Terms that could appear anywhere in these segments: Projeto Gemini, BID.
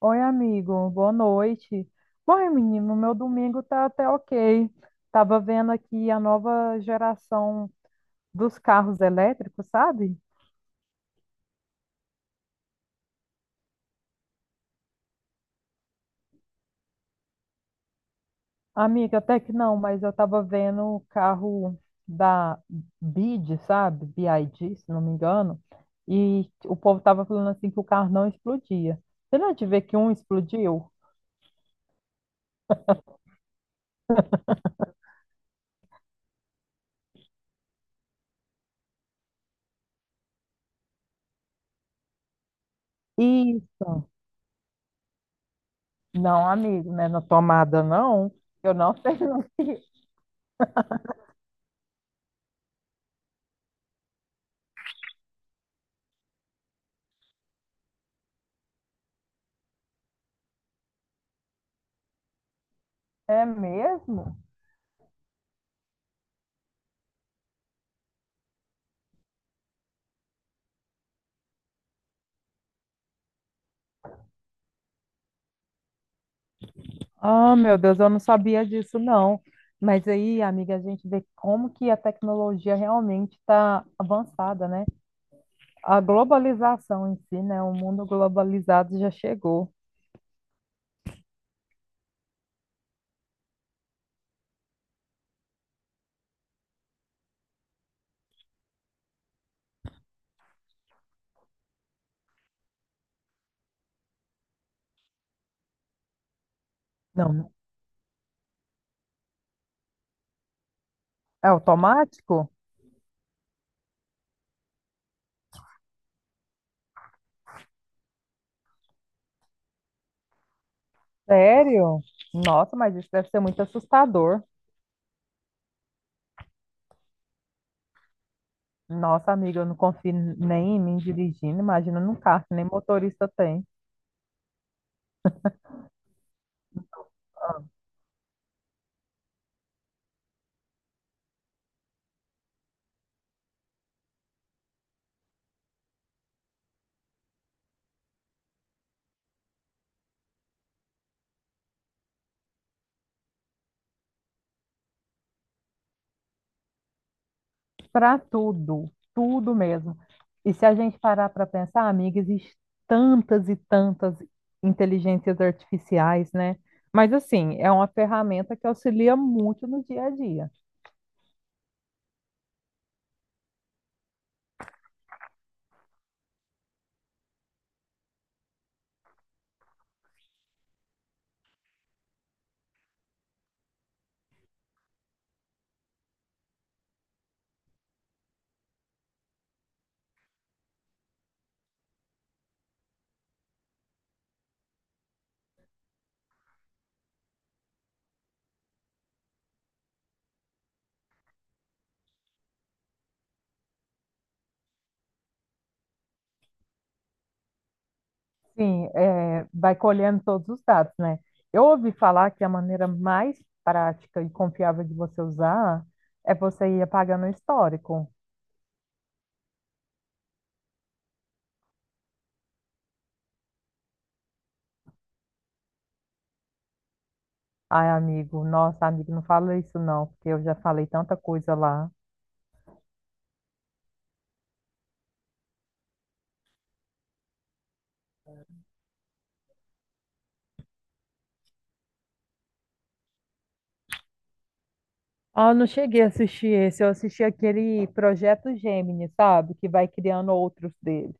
Oi, amigo, boa noite. Bom, menino, meu domingo tá até ok. Tava vendo aqui a nova geração dos carros elétricos, sabe? Amiga, até que não, mas eu tava vendo o carro da BID, sabe? BID, se não me engano. E o povo tava falando assim que o carro não explodia. Você não é de ver que um explodiu? Isso. Não, amigo, né? Na tomada não. Eu não sei. É mesmo? Ah, meu Deus, eu não sabia disso, não. Mas aí, amiga, a gente vê como que a tecnologia realmente está avançada, né? A globalização em si, né? O mundo globalizado já chegou. Não, é automático? Sério? Nossa, mas isso deve ser muito assustador. Nossa, amiga, eu não confio nem em mim dirigindo, imagina num carro que nem motorista tem. Para tudo, tudo mesmo. E se a gente parar para pensar, amiga, existem tantas inteligências artificiais, né? Mas assim, é uma ferramenta que auxilia muito no dia a dia. Sim, é, vai colhendo todos os dados, né? Eu ouvi falar que a maneira mais prática e confiável de você usar é você ir apagando o histórico. Ai, amigo, nossa, amigo, não fala isso não, porque eu já falei tanta coisa lá. Ah, eu não cheguei a assistir esse, eu assisti aquele Projeto Gemini, sabe? Que vai criando outros dele.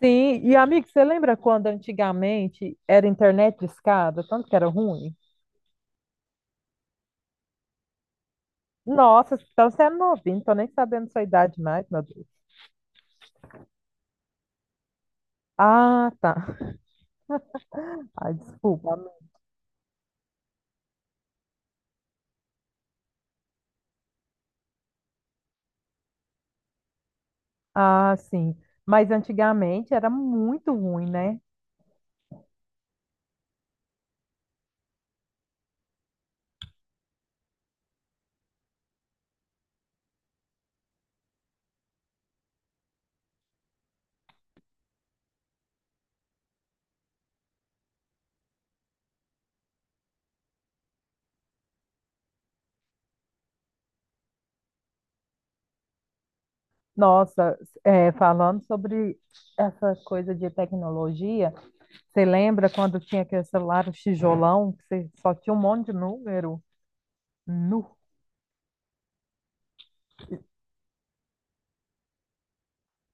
Sim, e amigo, você lembra quando antigamente era internet de escada, tanto que era ruim? Nossa, então você é novinho, tô nem sabendo sua idade mais, meu Deus. Ah, tá. Ai, desculpa. Ah, sim. Mas antigamente era muito ruim, né? Nossa, é, falando sobre essa coisa de tecnologia, você lembra quando tinha aquele celular o tijolão, que você só tinha um monte de número? Nu.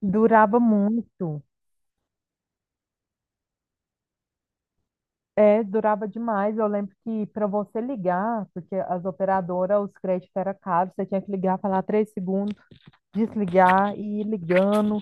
Durava muito. É, durava demais. Eu lembro que para você ligar, porque as operadoras, os créditos eram caros, você tinha que ligar, falar 3 segundos, desligar e ir ligando.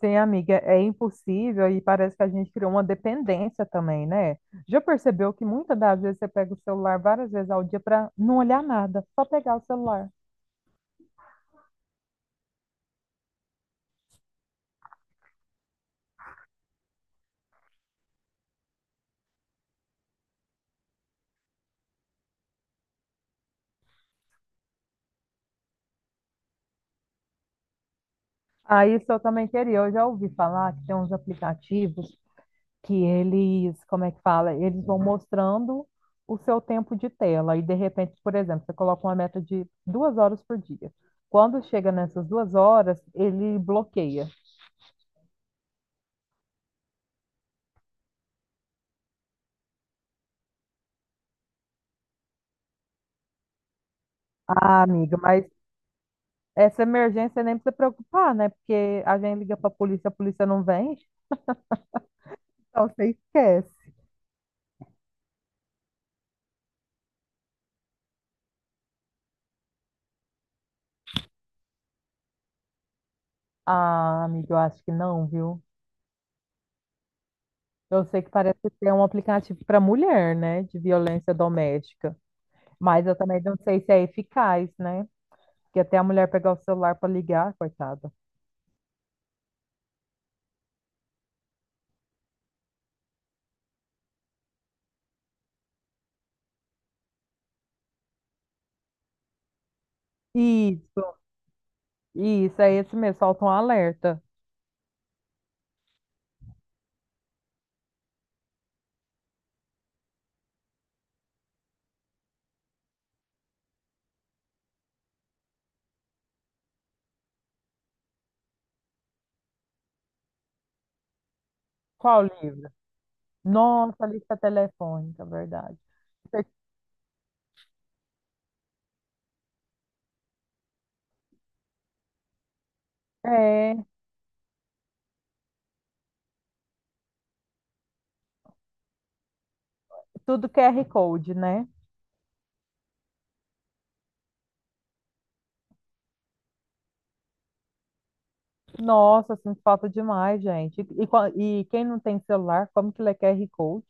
Sim, amiga, é impossível e parece que a gente criou uma dependência também, né? Já percebeu que muitas das vezes você pega o celular várias vezes ao dia para não olhar nada, só pegar o celular. Ah, isso eu também queria. Eu já ouvi falar que tem uns aplicativos que eles, como é que fala? Eles vão mostrando o seu tempo de tela e de repente, por exemplo, você coloca uma meta de 2 horas por dia. Quando chega nessas 2 horas, ele bloqueia. Ah, amiga, mas essa emergência nem precisa preocupar, né? Porque a gente liga pra polícia, a polícia não vem, então você esquece. Ah, amiga, eu acho que não, viu? Eu sei que parece que é um aplicativo para mulher, né? De violência doméstica. Mas eu também não sei se é eficaz, né? Porque até a mulher pegar o celular para ligar, coitada. Isso, isso, é esse mesmo, solta um alerta. Qual livro? Nossa, lista telefônica, verdade. É, tudo QR Code, né? Nossa, sinto falta demais, gente. E quem não tem celular, como que lê QR Code?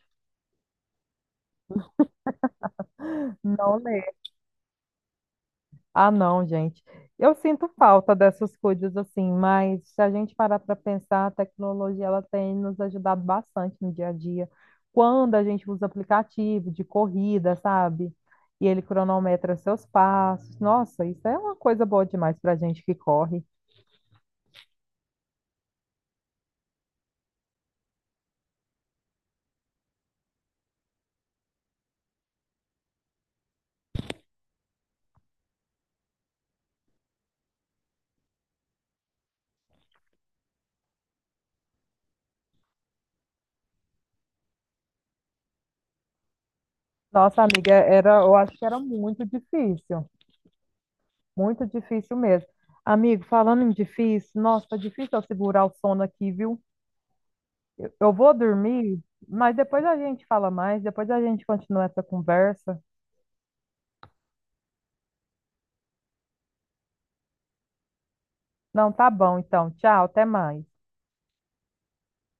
Não lê. Ah, não, gente. Eu sinto falta dessas coisas assim, mas se a gente parar para pensar, a tecnologia ela tem nos ajudado bastante no dia a dia. Quando a gente usa aplicativo de corrida, sabe? E ele cronometra seus passos. Nossa, isso é uma coisa boa demais para a gente que corre. Nossa, amiga, era, eu acho que era muito difícil. Muito difícil mesmo. Amigo, falando em difícil, nossa, tá difícil eu segurar o sono aqui, viu? Eu vou dormir, mas depois a gente fala mais, depois a gente continua essa conversa. Não, tá bom, então. Tchau, até mais.